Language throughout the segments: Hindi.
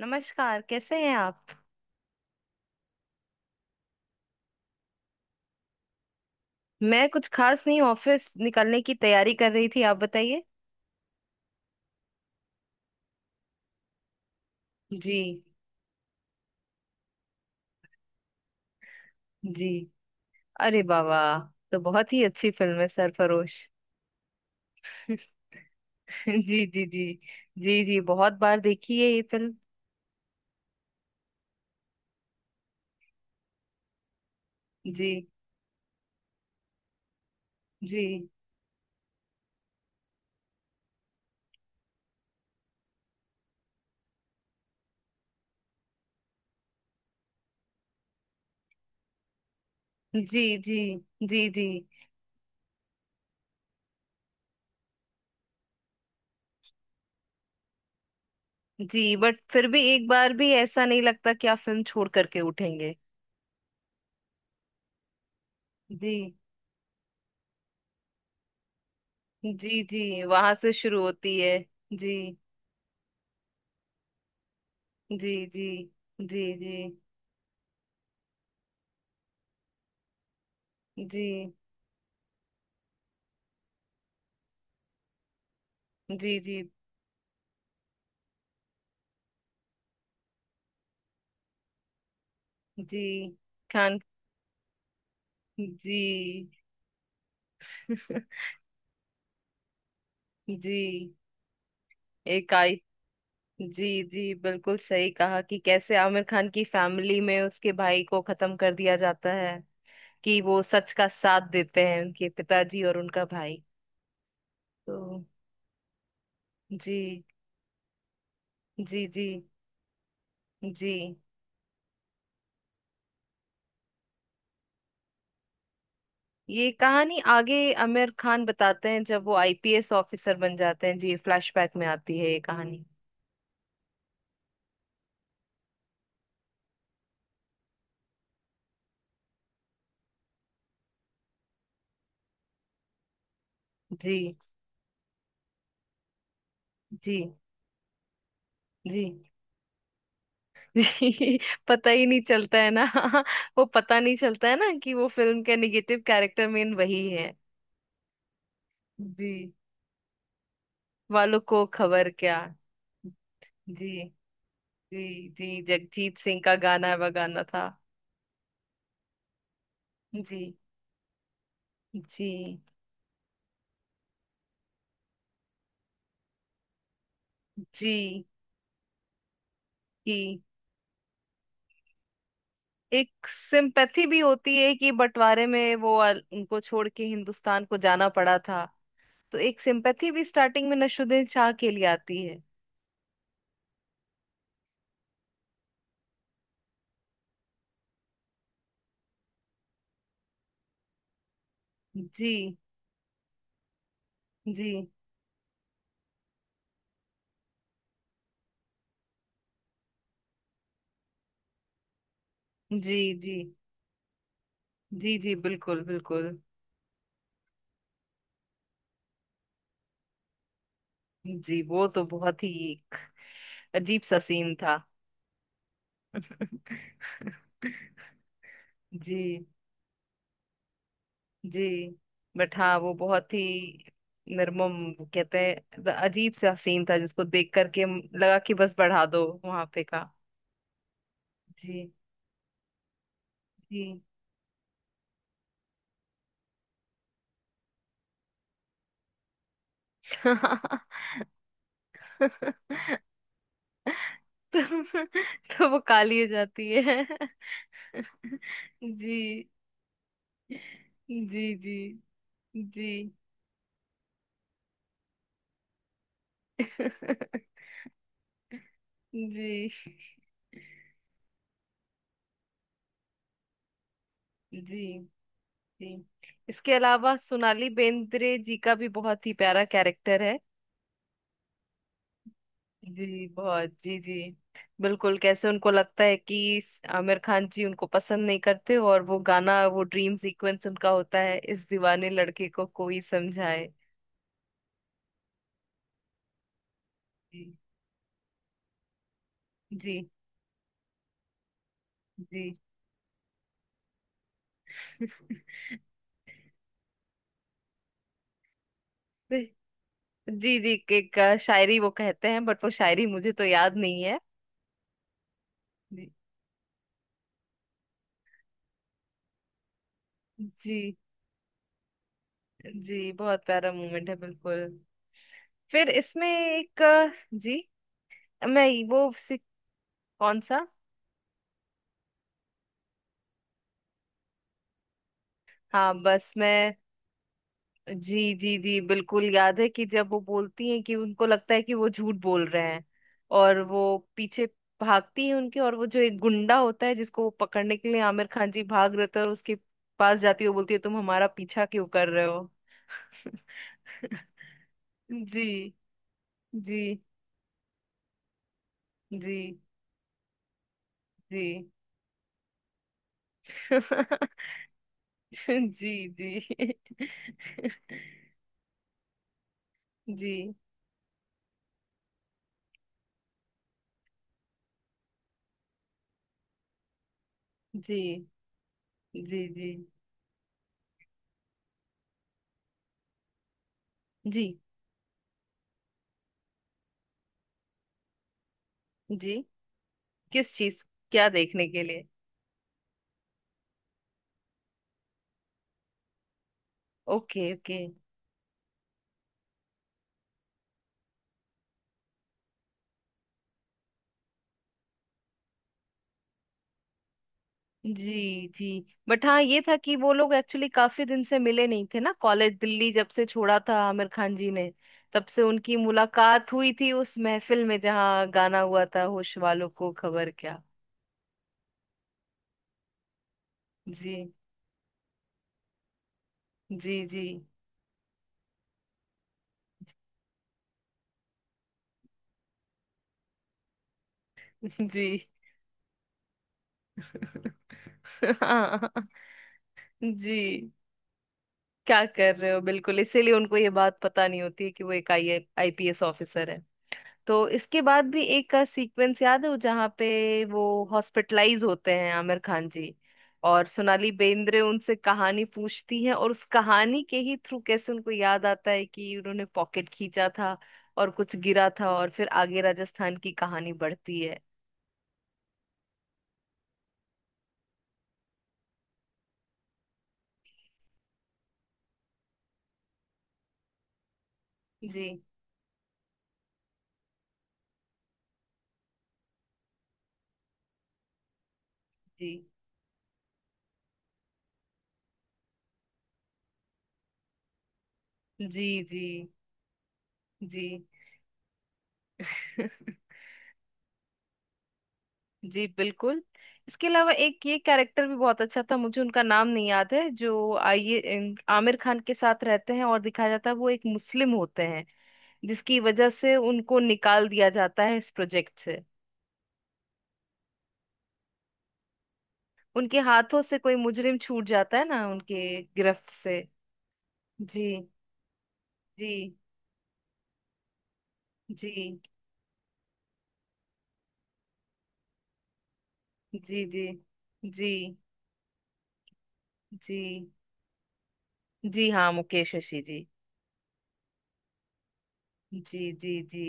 नमस्कार, कैसे हैं आप। मैं कुछ खास नहीं, ऑफिस निकलने की तैयारी कर रही थी। आप बताइए। जी। जी। अरे बाबा। तो बहुत ही अच्छी फिल्म है सरफरोश। जी। जी। जी। जी। जी, बहुत बार देखी है ये फिल्म। जी। जी। जी। जी। जी। जी। जी बट फिर भी एक बार भी ऐसा नहीं लगता कि आप फिल्म छोड़ करके उठेंगे। जी। जी। जी, वहां से शुरू होती है। जी। जी। जी। जी। जी। जी। जी। जी। जी। जी। खान। जी। जी। इकाई। जी। जी, बिल्कुल सही कहा कि कैसे आमिर खान की फैमिली में उसके भाई को खत्म कर दिया जाता है कि वो सच का साथ देते हैं, उनके पिताजी और उनका भाई। तो। जी। जी। जी। जी, ये कहानी आगे आमिर खान बताते हैं जब वो आईपीएस ऑफिसर बन जाते हैं। जी, फ्लैशबैक में आती है ये कहानी। जी। जी। जी। जी, पता ही नहीं चलता है ना। वो पता नहीं चलता है ना कि वो फिल्म का निगेटिव कैरेक्टर मेन वही है। जी, वालों को खबर क्या। जी। जी। जी जगजीत सिंह का गाना बगाना था। जी। जी। जी कि एक सिंपैथी भी होती है कि बंटवारे में वो उनको छोड़ के हिंदुस्तान को जाना पड़ा था। तो एक सिंपैथी भी स्टार्टिंग में नसरुद्दीन शाह के लिए आती है। जी। जी। जी। जी। जी। जी, बिल्कुल बिल्कुल। जी, वो तो बहुत ही एक अजीब सा सीन था। जी। जी बट हाँ वो बहुत ही निर्मम कहते हैं, अजीब सा सीन था जिसको देख करके लगा कि बस बढ़ा दो वहां पे का। जी। जी। तो, तो वो काली हो जाती है। जी। जी। जी। जी। जी। जी। जी, इसके अलावा सोनाली बेंद्रे जी का भी बहुत ही प्यारा कैरेक्टर है। जी बहुत। जी। जी, बिल्कुल कैसे उनको लगता है कि आमिर खान जी उनको पसंद नहीं करते, और वो गाना, वो ड्रीम सीक्वेंस उनका होता है, इस दीवाने लड़के को कोई समझाए। जी। जी। जी। जी। जी एक शायरी वो कहते हैं बट वो शायरी मुझे तो याद नहीं है। जी। जी। जी, बहुत प्यारा मोमेंट है बिल्कुल। फिर इसमें एक जी। मैं वो सी- कौन सा। हाँ बस मैं। जी। जी। जी, बिल्कुल याद है कि जब वो बोलती हैं कि उनको लगता है कि वो झूठ बोल रहे हैं, और वो पीछे भागती है उनके, और वो जो एक गुंडा होता है जिसको वो पकड़ने के लिए आमिर खान जी भाग रहे थे, और उसके पास जाती है, वो बोलती है तुम हमारा पीछा क्यों कर रहे हो। जी। जी। जी। जी। जी। जी। जी। जी। जी। जी। जी। जी। किस चीज, क्या देखने के लिए। Okay okay. जी। जी बट हाँ ये था कि वो लोग एक्चुअली काफी दिन से मिले नहीं थे ना, कॉलेज दिल्ली जब से छोड़ा था आमिर खान जी ने, तब से उनकी मुलाकात हुई थी उस महफिल में जहाँ गाना हुआ था होश वालों को खबर क्या। जी। जी। जी। जी। हाँ। जी, क्या कर रहे हो, बिल्कुल इसीलिए उनको ये बात पता नहीं होती कि वो एक आई आईपीएस ऑफिसर है। तो इसके बाद भी एक का सीक्वेंस याद है वो जहाँ पे वो हॉस्पिटलाइज होते हैं आमिर खान जी, और सोनाली बेंद्रे उनसे कहानी पूछती है, और उस कहानी के ही थ्रू कैसे उनको याद आता है कि उन्होंने पॉकेट खींचा था और कुछ गिरा था, और फिर आगे राजस्थान की कहानी बढ़ती है। जी। जी। जी। जी। जी। जी बिल्कुल। इसके अलावा एक ये कैरेक्टर भी बहुत अच्छा था, मुझे उनका नाम नहीं याद है, जो आमिर खान के साथ रहते हैं, और दिखाया जाता है वो एक मुस्लिम होते हैं, जिसकी वजह से उनको निकाल दिया जाता है इस प्रोजेक्ट से। उनके हाथों से कोई मुजरिम छूट जाता है ना, उनके गिरफ्त से। जी। जी। जी। जी। जी। जी। जी। जी हाँ मुकेश ऋषि जी। जी। जी। जी।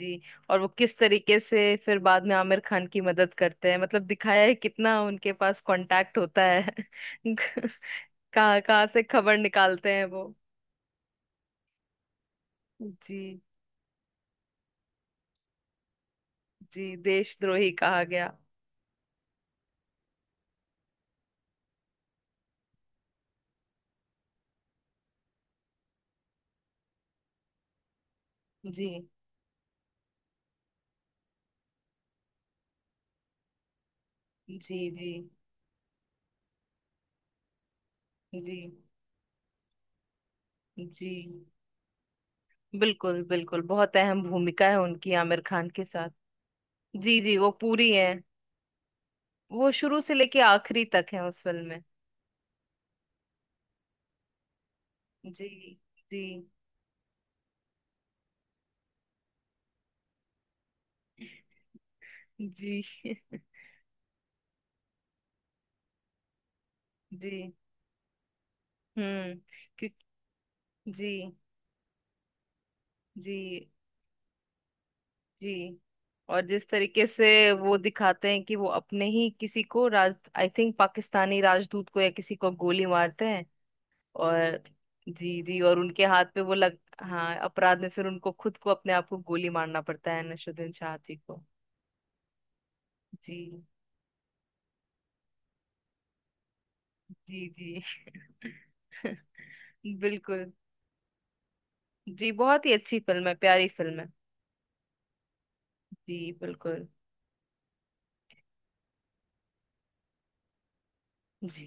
जी। और वो किस तरीके से फिर बाद में आमिर खान की मदद करते हैं, मतलब दिखाया है कितना उनके पास कांटेक्ट होता है। कहाँ कहाँ से खबर निकालते हैं वो। जी। जी, देशद्रोही कहा गया। जी। जी। जी। जी। जी, बिल्कुल बिल्कुल बहुत अहम भूमिका है उनकी आमिर खान के साथ। जी। जी वो पूरी है। वो शुरू से लेके आखिरी तक है उस फिल्म में। जी। जी। जी। जी। हम्म। क्यों- जी। जी। जी, और जिस तरीके से वो दिखाते हैं कि वो अपने ही किसी को राज, आई थिंक पाकिस्तानी राजदूत को या किसी को गोली मारते हैं। और जी। जी, और उनके हाथ पे वो लग हाँ, अपराध में फिर उनको खुद को अपने आप को गोली मारना पड़ता है नसरुद्दीन शाह जी को। जी। जी। जी। बिल्कुल। जी बहुत ही अच्छी फिल्म है, प्यारी फिल्म है। जी बिल्कुल। जी,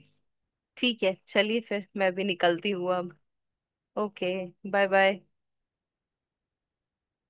ठीक है चलिए फिर मैं भी निकलती हूँ अब। ओके। Bye bye.